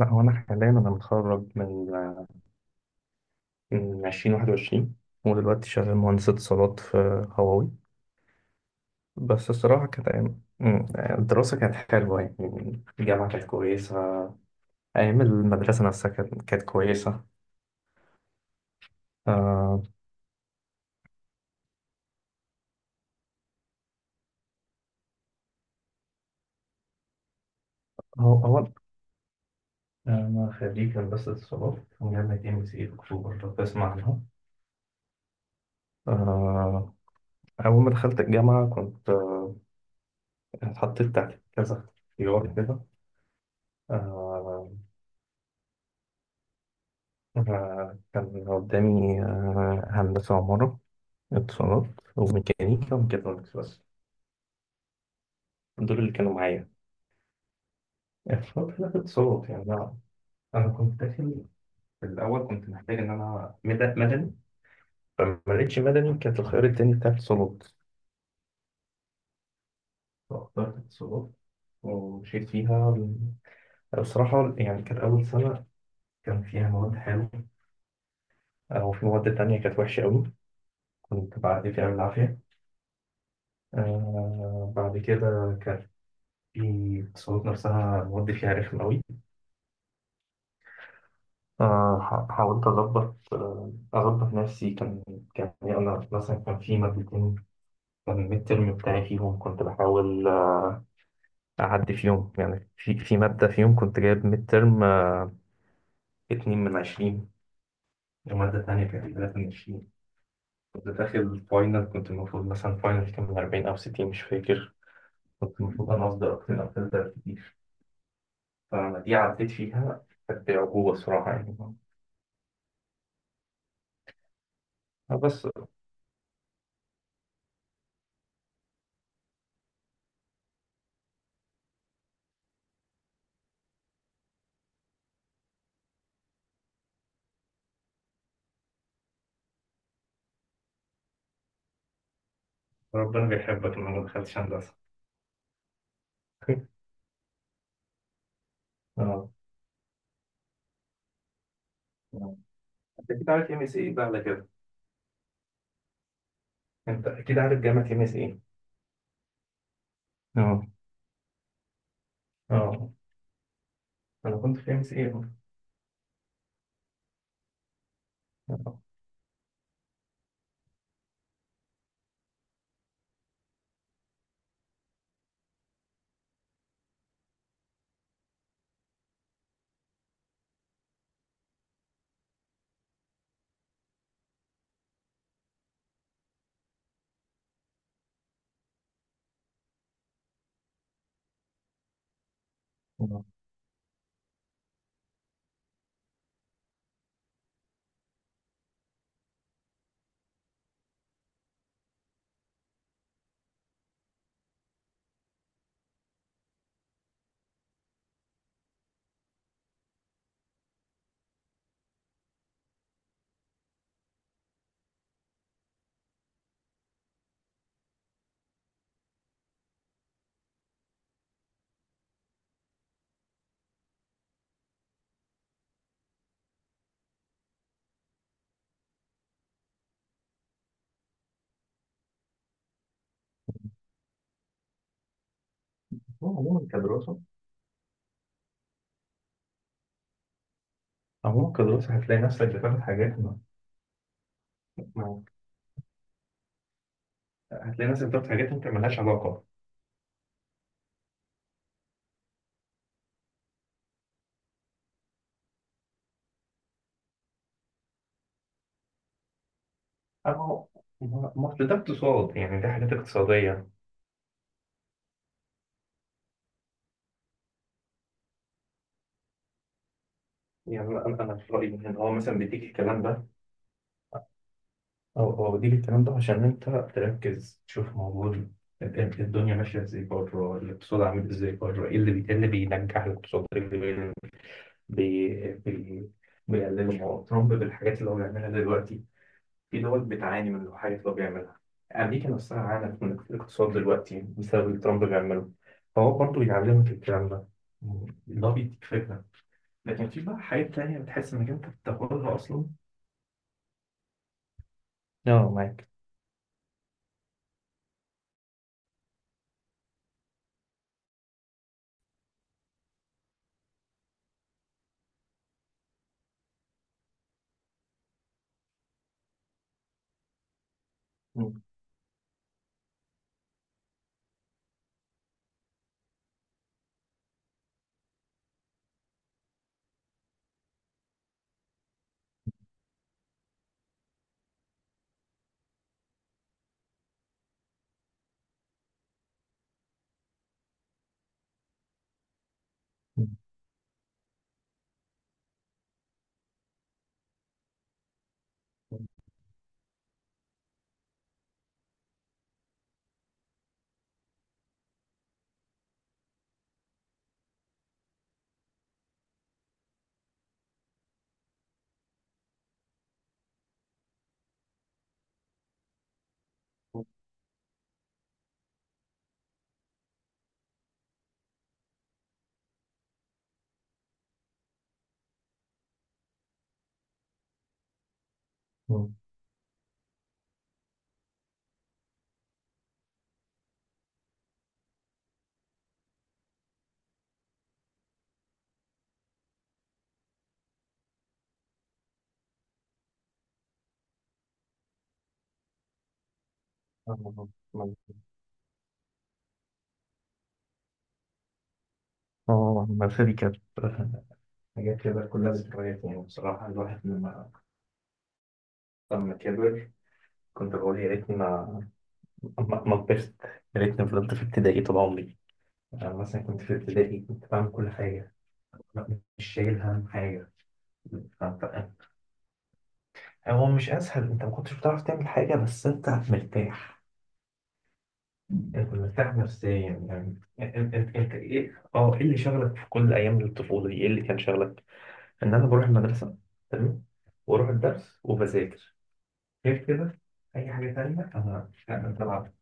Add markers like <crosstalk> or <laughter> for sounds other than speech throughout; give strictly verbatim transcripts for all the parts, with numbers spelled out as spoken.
لا هو انا حاليا انا متخرج من من ألفين وواحد وعشرين. ودلوقتي شغال مهندس اتصالات في هواوي. بس الصراحة كانت أيام مم، الدراسة كانت حلوة، يعني الجامعة كانت كويسة. أيام المدرسة نفسها كانت كانت كويسة. آه. هو هو أنا خريج هندسة اتصالات من جامعة ام سي أكتوبر، لو تسمع عنها. آه، أول ما دخلت الجامعة كنت آه، اتحطيت تحت كذا اختيار كده. آه، أنا كان قدامي آه، هندسة عمارة، اتصالات، وميكانيكا وميكاترونكس بس. دول اللي كانوا معايا. اتصالات، لا، اتصالات يعني أنا، أنا كنت داخل في الأول كنت محتاج إن أنا مد- مدني، فما لقيتش مدني، كانت الخيار التاني بتاع اتصالات. فاخترت اتصالات ومشيت فيها. بصراحة يعني كانت أول سنة كان فيها مواد حلوة، أو في مواد تانية كانت وحشة أوي، كنت بعدي فيها بالعافية. آه بعد كده، في الصعود نفسها مودي فيها رخم أوي. آه، ح- حاولت أظبط، آه، أظبط نفسي. كان كان يعني أنا مثلا كان في مادتين، كان الميد ترم بتاعي فيهم كنت بحاول آه، أعدي فيهم، يعني في في مادة فيهم كنت جايب ميد ترم اتنين من عشرين، ومادة تانية كانت تلاتة من عشرين. كنت داخل فاينل، كنت المفروض مثلا فاينل كان من أربعين أو ستين مش فاكر. كنت المفروض أنا أصدر أكتر، أو تلاتة كتير. فأنا دي عديت فيها كانت بعجوبة الصراحة يعني. بس ربنا بيحبك لما ما دخلتش هندسة. <laughs> اه. آه. انت اكيد عارف ام اس ايه بقى على كده. انت اكيد عارف جامعه ام اس ايه. اه. اه انا كنت في ام اس ايه. عموما كدراسه، عموما كدراسه هتلاقي نفسك بتاخد حاجات ما. ما- هتلاقي نفسك بتاخد حاجات انت مالهاش علاقه. أما ما أصل ده اقتصاد، يعني ده حاجات اقتصاديه. يعني انا انا أنا في رايي ان هو مثلا بيديك الكلام ده، أو أو دي الكلام ده عشان أنت تركز تشوف موجود ال- الدنيا ماشية إزاي بره، الاقتصاد عامل إزاي بره، إيه اللي بي- إيه اللي بينجح الاقتصاد، إيه اللي بي- بي- بي- بيقلله. ما هو ترامب بالحاجات اللي هو بيعملها دلوقتي في دول بتعاني من الحاجات اللي هو بيعملها. أمريكا نفسها عانت من الاقتصاد دلوقتي بسبب اللي ترامب بيعمله. فهو برضه بيعلمك الكلام ده، اللي هو بيديك فكرة. لكن في بقى حاجات تانية بتحس إنك أنت بتاخدها أصلا. اه معاك. مم. مم. اه مظبوط. آه، المدرسة دي كانت آه، حاجات كده كلها ذكريات يعني. بصراحة الواحد لما، لما كبر، كنت بقول يا ريتني ما ما ما كبرت، يا ريتني فضلت في ابتدائي طول عمري. أنا مثلا كنت في ابتدائي كنت بعمل كل حاجة، مش شايل هم حاجة. فأنت، هو مش أسهل، أنت ما كنتش بتعرف تعمل حاجة بس أنت مرتاح. أنت مرتاح نفسيا. يعني أنت أنت أنت إيه أه إيه اللي شغلك في كل أيام الطفولة دي، إيه اللي كان شغلك؟ ان انا بروح المدرسه، تمام، واروح الدرس وبذاكر. غير كده اي حاجه تانية انا انا بلعب،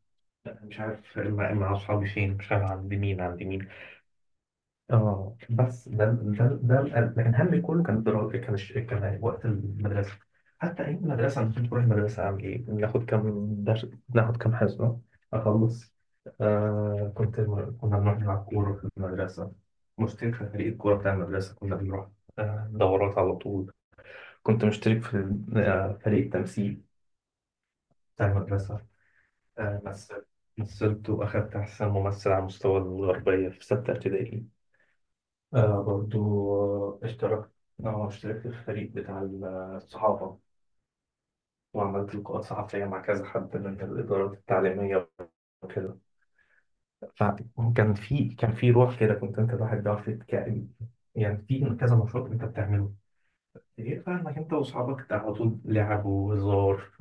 مش عارف مع مع اصحابي فين، مش عارف عند مين عند مين. اه بس ده ده ده القلب. لكن همي كله كان الدراسه، كان الش- كان وقت المدرسه. حتى ايام المدرسه انا كنت بروح المدرسه اعمل ايه؟ ناخد كام درس، ناخد كام حصه، اخلص. آه كنت، كنا بنروح نلعب كوره في المدرسه، مشترك في فريق الكوره بتاع المدرسه كنا بنروح آه، دورات على طول. كنت مشترك في ال- آه، فريق تمثيل بتاع المدرسة. آه، مثل، مثلت وأخدت أحسن ممثل على مستوى الغربية في ستة ابتدائي. آه، برضو آه، اشتركت آه، اشتركت في الفريق بتاع ال- آه، الصحافة، وعملت لقاءات صحفية مع كذا حد من الإدارات التعليمية وكده. فكان في، كان في روح كده، كنت أنت الواحد بيعرف يتكائن، يعني في كذا نشاط أنت بتعمله. إيه، فاهمك، أنت وأصحابك على طول لعب وهزار.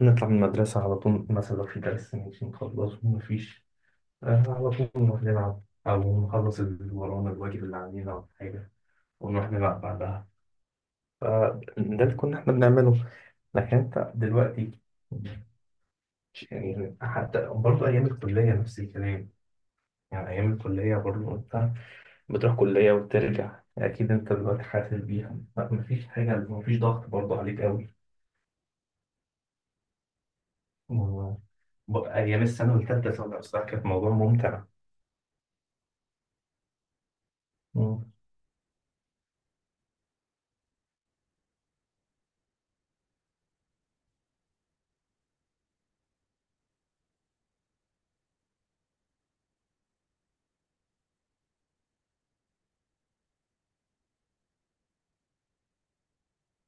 نطلع من المدرسة على طول، مثلا لو في درس مش نخلصه مفيش، آه، على طول نروح نلعب، أو نخلص اللي ورانا الواجب اللي علينا أو حاجة، ونروح نلعب بعدها. فده اللي كنا إحنا بنعمله. لكن أنت دلوقتي، يعني حتى برضه أيام الكلية نفس الكلام، يعني أيام الكلية برضه أنت بتروح كلية وترجع. أكيد أنت دلوقتي حاسس بيها، لا، مفيش حاجة، مفيش ضغط برضه عليك أوي. و- أيام السنة والتالتة سنة بصراحة كانت موضوع ممتع.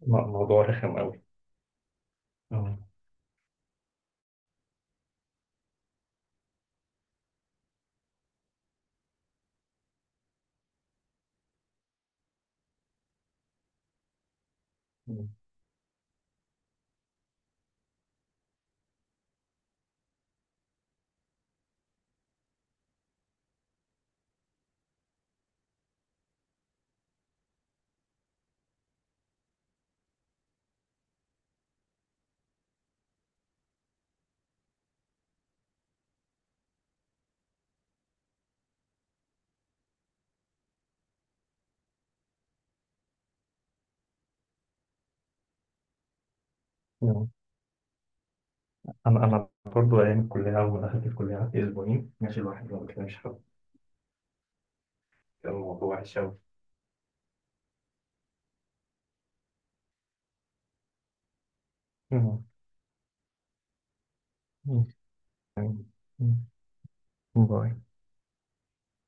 م- موضوع رخم قوي. اه. م. انا انا برضو ايام الكليه، اول ما دخلت الكليه قعدت اسبوعين ماشي الواحد ما بيكلمش حد، كان الموضوع وحش قوي. م. م. م. باي.